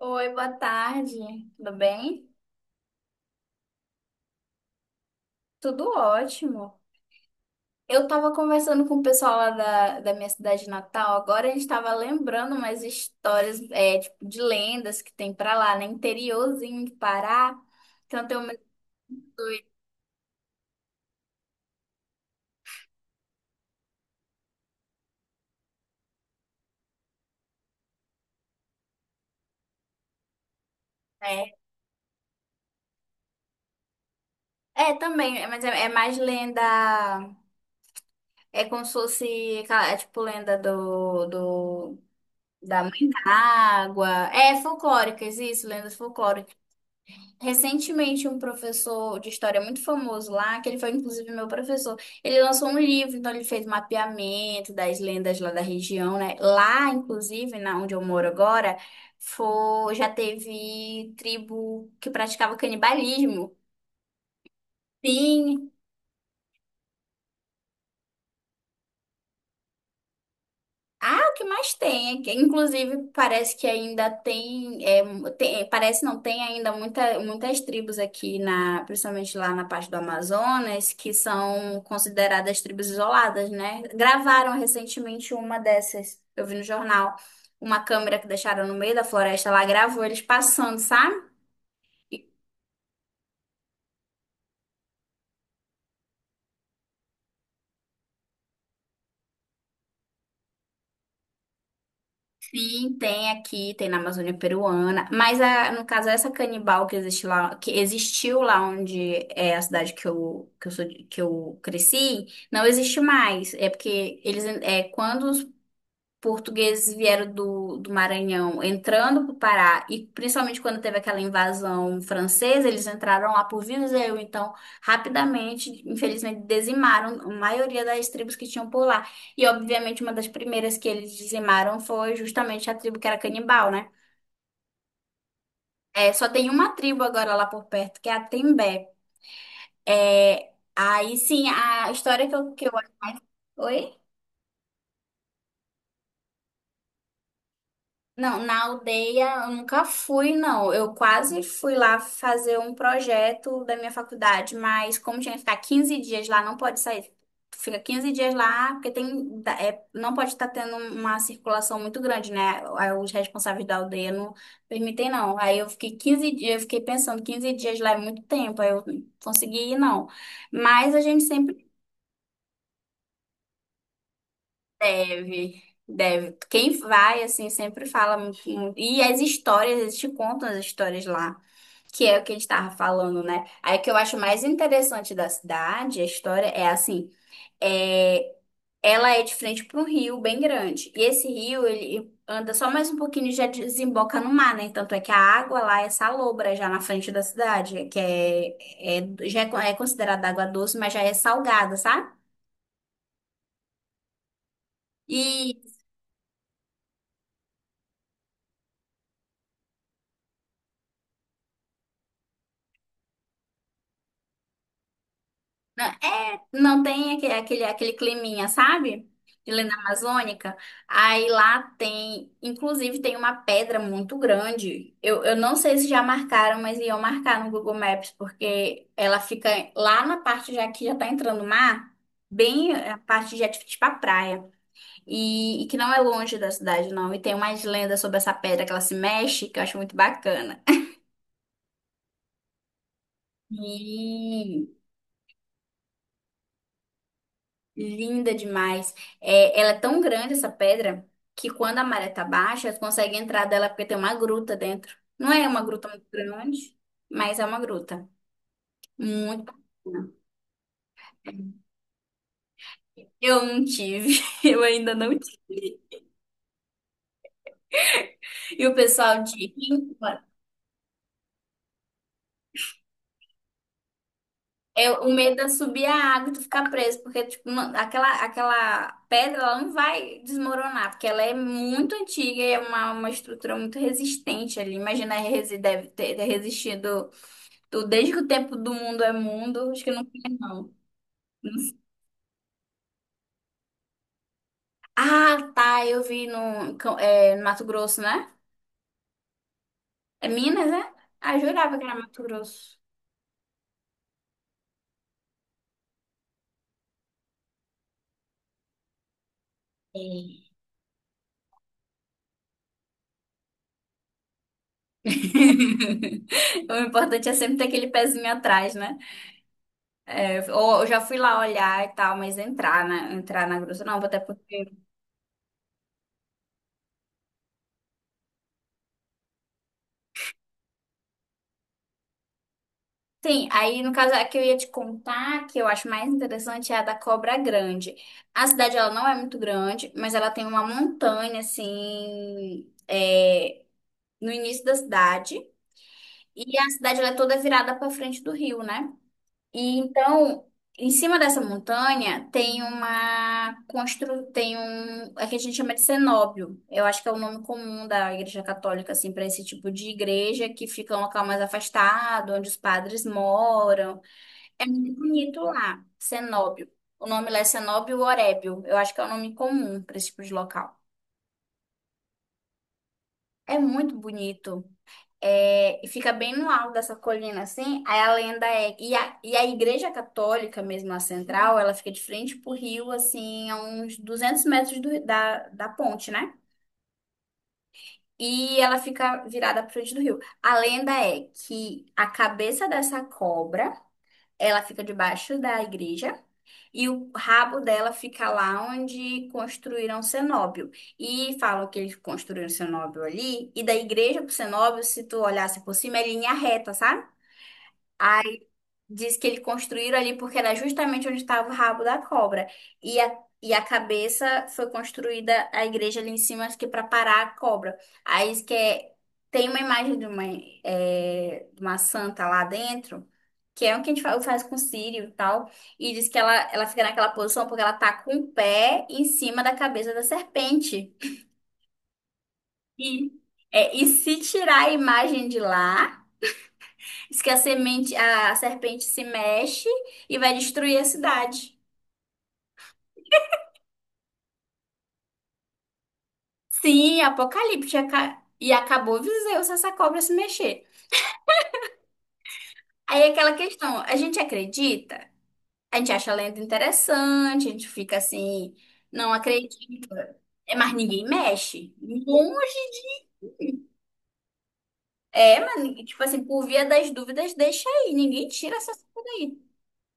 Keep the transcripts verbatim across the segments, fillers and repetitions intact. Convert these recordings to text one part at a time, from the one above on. Oi, boa tarde. Tudo bem? Tudo ótimo. Eu tava conversando com o pessoal lá da, da minha cidade natal. Agora a gente tava lembrando umas histórias, é, tipo, de lendas que tem pra lá, né? Interiorzinho de Pará. Então tem uma doida, né? É, também, é, mas é, é mais lenda. É como se fosse, aquela- é, tipo, lenda do, do, da mãe da água. É, folclóricas, isso, lendas folclóricas. Recentemente, um professor de história muito famoso lá, que ele foi inclusive meu professor, ele lançou um livro, então ele fez mapeamento das lendas lá da região, né? Lá, inclusive, na onde eu moro agora, foi, já teve tribo que praticava canibalismo. Sim. Ah, o que mais tem, é que, inclusive parece que ainda tem, é, tem- parece não tem ainda muita, muitas tribos aqui na, principalmente lá na parte do Amazonas, que são consideradas tribos isoladas, né? Gravaram recentemente uma dessas, eu vi no jornal, uma câmera que deixaram no meio da floresta, lá gravou eles passando, sabe? Sim, tem aqui, tem na Amazônia Peruana, mas a- no caso essa canibal que existe lá, que existiu lá onde é a cidade que eu, que eu sou de- que eu cresci, não existe mais. É porque eles é quando portugueses vieram do, do Maranhão entrando para o Pará, e principalmente quando teve aquela invasão francesa, eles entraram lá por Viseu, então rapidamente, infelizmente, dizimaram a maioria das tribos que tinham por lá. E obviamente uma das primeiras que eles dizimaram foi justamente a tribo que era canibal, né? É, só tem uma tribo agora lá por perto, que é a Tembé. É, aí sim, a história que eu, que eu... Oi? Não, na aldeia eu nunca fui, não. Eu quase fui lá fazer um projeto da minha faculdade, mas como tinha que ficar quinze dias lá, não pode sair. Tu fica quinze dias lá, porque tem, da- é, não pode estar tendo uma circulação muito grande, né? Aí os responsáveis da aldeia não permitem, não. Aí eu fiquei quinze dias, eu fiquei pensando, quinze dias lá é muito tempo, aí eu não consegui ir, não. Mas a gente sempre... Deve, deve. Quem vai, assim, sempre fala muito, muito. E as histórias, eles te contam as histórias lá, que é o que a gente tava falando, né? Aí o que eu acho mais interessante da cidade, a história, é assim, é, ela é de frente para um rio bem grande. E esse rio, ele anda só mais um pouquinho e já desemboca no mar, né? Tanto é que a água lá é salobra, já na frente da cidade, que é, é, já é con- é considerada água doce, mas já é salgada, sabe? E Não, é, não tem aque- aquele, aquele, climinha, sabe? De lenda amazônica. Aí lá tem, inclusive tem uma pedra muito grande. Eu, eu não sei se já marcaram, mas iam marcar no Google Maps, porque ela fica lá na parte já que já tá entrando o mar, bem eh, a parte já tipo tipo a praia. E, e que não é longe da cidade, não. E tem umas lendas sobre essa pedra que ela se mexe, que eu acho muito bacana. E Linda demais. É, ela é tão grande, essa pedra, que quando a maré tá baixa, você consegue entrar dela porque tem uma gruta dentro. Não é uma gruta muito grande, mas é uma gruta. Muito bacana. Eu não tive, eu ainda não tive. E o pessoal de Rincon, é o medo é subir a água e tu ficar preso, porque tipo, não- aquela, aquela pedra ela não vai desmoronar, porque ela é muito antiga e é uma, uma estrutura muito resistente ali. Imagina, a resi- deve ter ter resistido. Do Desde que o tempo do mundo é mundo, acho que não tinha, não. Não sei. Ah, tá, eu vi no, Cam- é, no Mato Grosso, né? É Minas, né? Ah, eu jurava que era Mato Grosso. É. O importante é sempre ter aquele pezinho atrás, né? É, ou eu já fui lá olhar e tal, mas entrar, né? Entrar na grossa, não, vou até porque. Sim, aí no caso a que eu ia te contar, que eu acho mais interessante, é a da Cobra Grande. A cidade ela não é muito grande, mas ela tem uma montanha assim. É, no início da cidade, e a cidade ela é toda virada para frente do rio, né? E então, em cima dessa montanha tem uma constru... tem um, é que a gente chama de cenóbio. Eu acho que é o nome comum da igreja católica assim para esse tipo de igreja que fica um local mais afastado, onde os padres moram. É muito bonito lá, cenóbio. O nome lá é cenóbio orébio. Eu acho que é o nome comum para esse tipo de local. É muito bonito. É, e fica bem no alto dessa colina, assim. Aí a lenda é... E a, e a igreja católica, mesmo a central, ela fica de frente pro rio, assim, a uns duzentos metros do- da, da ponte, né? E ela fica virada pra frente do rio. A lenda é que a cabeça dessa cobra, ela fica debaixo da igreja. E o rabo dela fica lá onde construíram o cenóbio. E falam que eles construíram o cenóbio ali. E da igreja pro cenóbio, se tu olhasse por cima, é linha reta, sabe? Aí diz que eles construíram ali porque era justamente onde estava o rabo da cobra. E a, e a cabeça foi construída a igreja ali em cima, acho que para parar a cobra. Aí diz que é- tem uma imagem de uma, é, de uma santa lá dentro, que é o que a gente fa- faz, com o Sírio e tal. E diz que ela, ela fica naquela posição porque ela tá com o pé em cima da cabeça da serpente. E, é, e se tirar a imagem de lá. Diz que a semente, a serpente se mexe e vai destruir a cidade. Sim, apocalipse. E aca- E acabou Viseu se essa cobra se mexer. Aí é aquela questão, a gente acredita? A gente acha a lenda interessante, a gente fica assim, não acredita, mas ninguém mexe. Bom, é, mas ninguém- tipo assim, por via das dúvidas, deixa aí, ninguém tira essa coisa aí.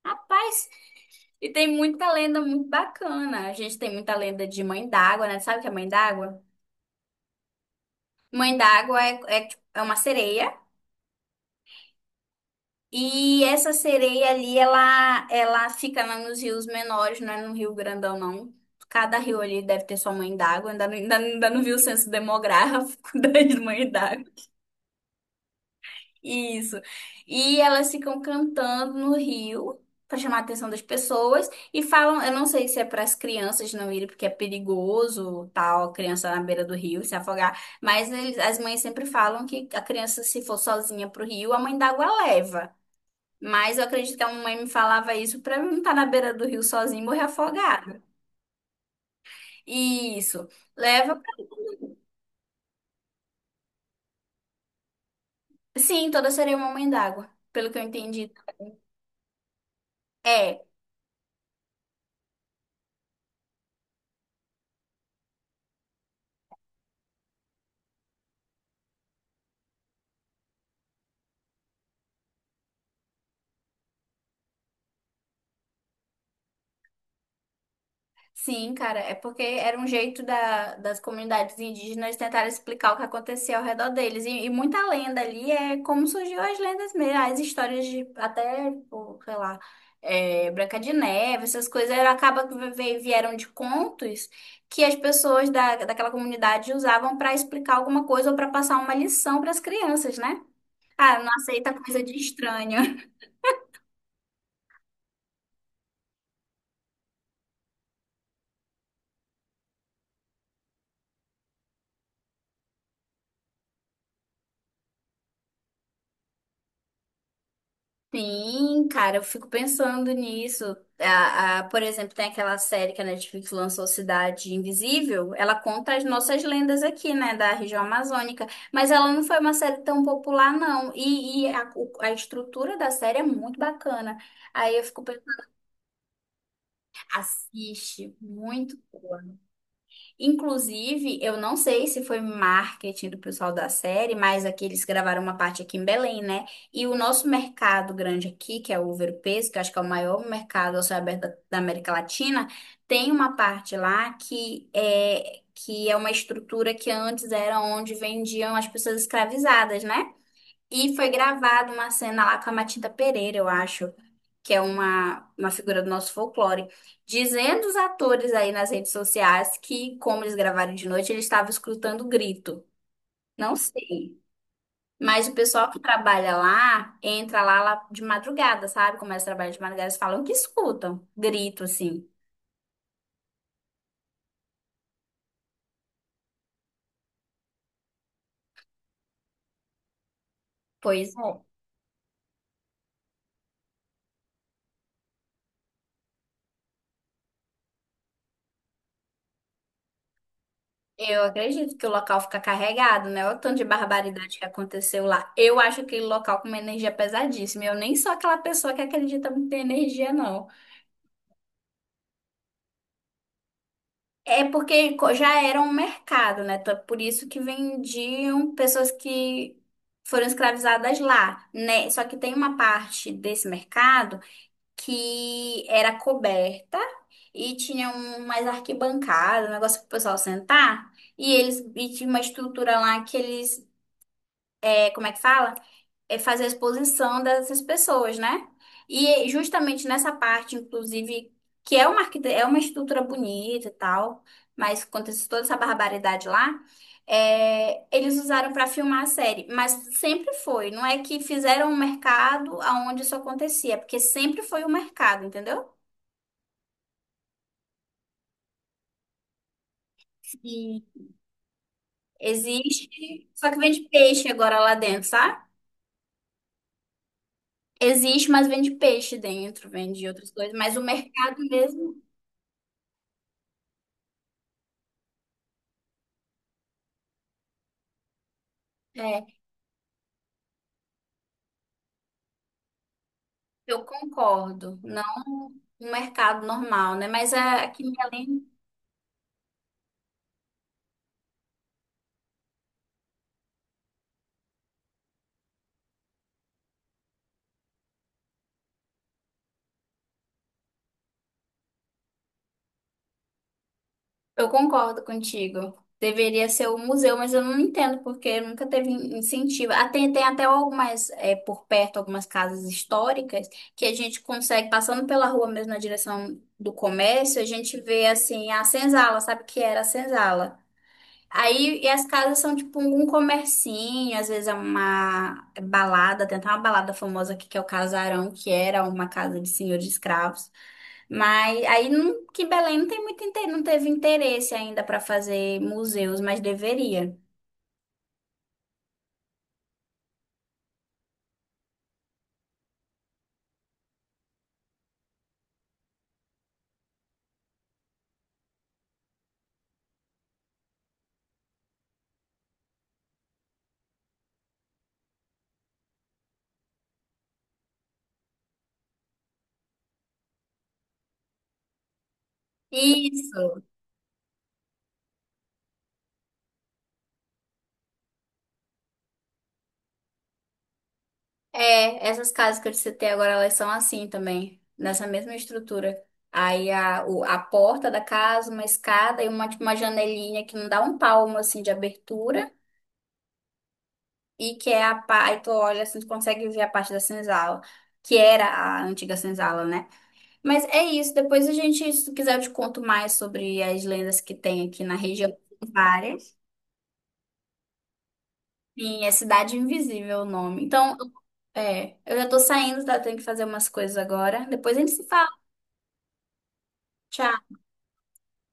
Rapaz, e tem muita lenda muito bacana. A gente tem muita lenda de mãe d'água, né? Sabe o que é mãe d'água? Mãe d'água é, é, é uma sereia. E essa sereia ali, ela, ela fica na- nos rios menores, não é no rio grandão, não. Cada rio ali deve ter sua mãe d'água. Ainda, não- ainda, não- ainda não vi o censo demográfico das mães d'água. Isso. E elas ficam cantando no rio para chamar a atenção das pessoas e falam, eu não sei se é para as crianças não irem porque é perigoso, tal, a criança na beira do rio se afogar, mas eles- as mães sempre falam que a criança se for sozinha pro rio, a mãe d'água leva. Mas eu acredito que a mãe me falava isso para não estar na beira do rio sozinha e morrer afogada. Isso. Leva. pra- Sim, toda sereia é uma mãe d'água, pelo que eu entendi. É. Sim, cara, é porque era um jeito da- das comunidades indígenas tentarem explicar o que acontecia ao redor deles. E, e muita lenda ali é como surgiu as lendas mesmo, as histórias de até, pô, sei lá, é, Branca de Neve, essas coisas, era, acaba que ve- vieram de contos que as pessoas da, daquela comunidade usavam para explicar alguma coisa ou para passar uma lição para as crianças, né? Ah, não aceita coisa de estranho. Sim, cara, eu fico pensando nisso. A, a- por exemplo, tem aquela série que a Netflix lançou, Cidade Invisível. Ela conta as nossas lendas aqui, né, da região amazônica. Mas ela não foi uma série tão popular, não. E, e a, o- a estrutura da série é muito bacana. Aí eu fico pensando, assiste, muito. Inclusive, eu não sei se foi marketing do pessoal da série, mas aqui eles gravaram uma parte aqui em Belém, né? E o nosso mercado grande aqui, que é o Ouro-Peso, que eu acho que é o maior mercado ao céu aberto da da América Latina, tem uma parte lá que é que é uma estrutura que antes era onde vendiam as pessoas escravizadas, né? E foi gravada uma cena lá com a Matilda Pereira, eu acho, que é uma, uma figura do nosso folclore, dizendo os atores aí nas redes sociais que, como eles gravaram de noite, eles estavam escutando grito. Não sei. Mas o pessoal que trabalha lá entra lá, lá de madrugada, sabe? Começa a trabalhar de madrugada, eles falam que escutam grito, assim. Pois é. Eu acredito que o local fica carregado, né? Olha o tanto de barbaridade que aconteceu lá. Eu acho aquele local com uma energia pesadíssima. Eu nem sou aquela pessoa que acredita muito em energia, não. É porque co- já era um mercado, né? Então, é por isso que vendiam pessoas que foram escravizadas lá, né? Só que tem uma parte desse mercado que era coberta e tinha um, mais arquibancada, um negócio para o pessoal sentar. E eles e tinha uma estrutura lá que eles é, como é que fala? É fazer a exposição dessas pessoas, né? E justamente nessa parte, inclusive, que é uma, arquite- é uma estrutura bonita e tal, mas acontece toda essa barbaridade lá, é, eles usaram para filmar a série. Mas sempre foi, não é que fizeram um mercado aonde isso acontecia, é porque sempre foi o mercado, entendeu? Sim. Existe, só que vende peixe agora lá dentro, sabe? Existe, mas vende peixe dentro, vende outras coisas, mas o mercado mesmo. é, Eu concordo, não um mercado normal, né? Mas a- aqui em Belém, eu concordo contigo. Deveria ser o museu, mas eu não entendo porque nunca teve in- incentivo. Ah, tem, tem até algumas, é, por perto, algumas casas históricas que a gente consegue, passando pela rua mesmo na direção do comércio, a gente vê assim a senzala, sabe o que era a senzala? Aí, e as casas são tipo um comercinho, às vezes é uma balada, tem até uma balada famosa aqui que é o Casarão, que era uma casa de senhor de escravos. Mas aí não, que Belém não tem muito inte- não teve interesse ainda para fazer museus, mas deveria. Isso. É, essas casas que eu te citei agora, elas são assim também, nessa mesma estrutura. Aí a, o- a porta da casa, uma escada e uma, tipo, uma janelinha que não dá um palmo assim de abertura. E que é a parte, tu olha assim, tu consegue ver a parte da senzala, que era a antiga senzala, né? Mas é isso, depois a gente, se tu quiser, eu te conto mais sobre as lendas que tem aqui na região, várias. Sim, é Cidade Invisível o nome. Então, é, eu já tô saindo, tá? Tenho que fazer umas coisas agora. Depois a gente se fala. Tchau.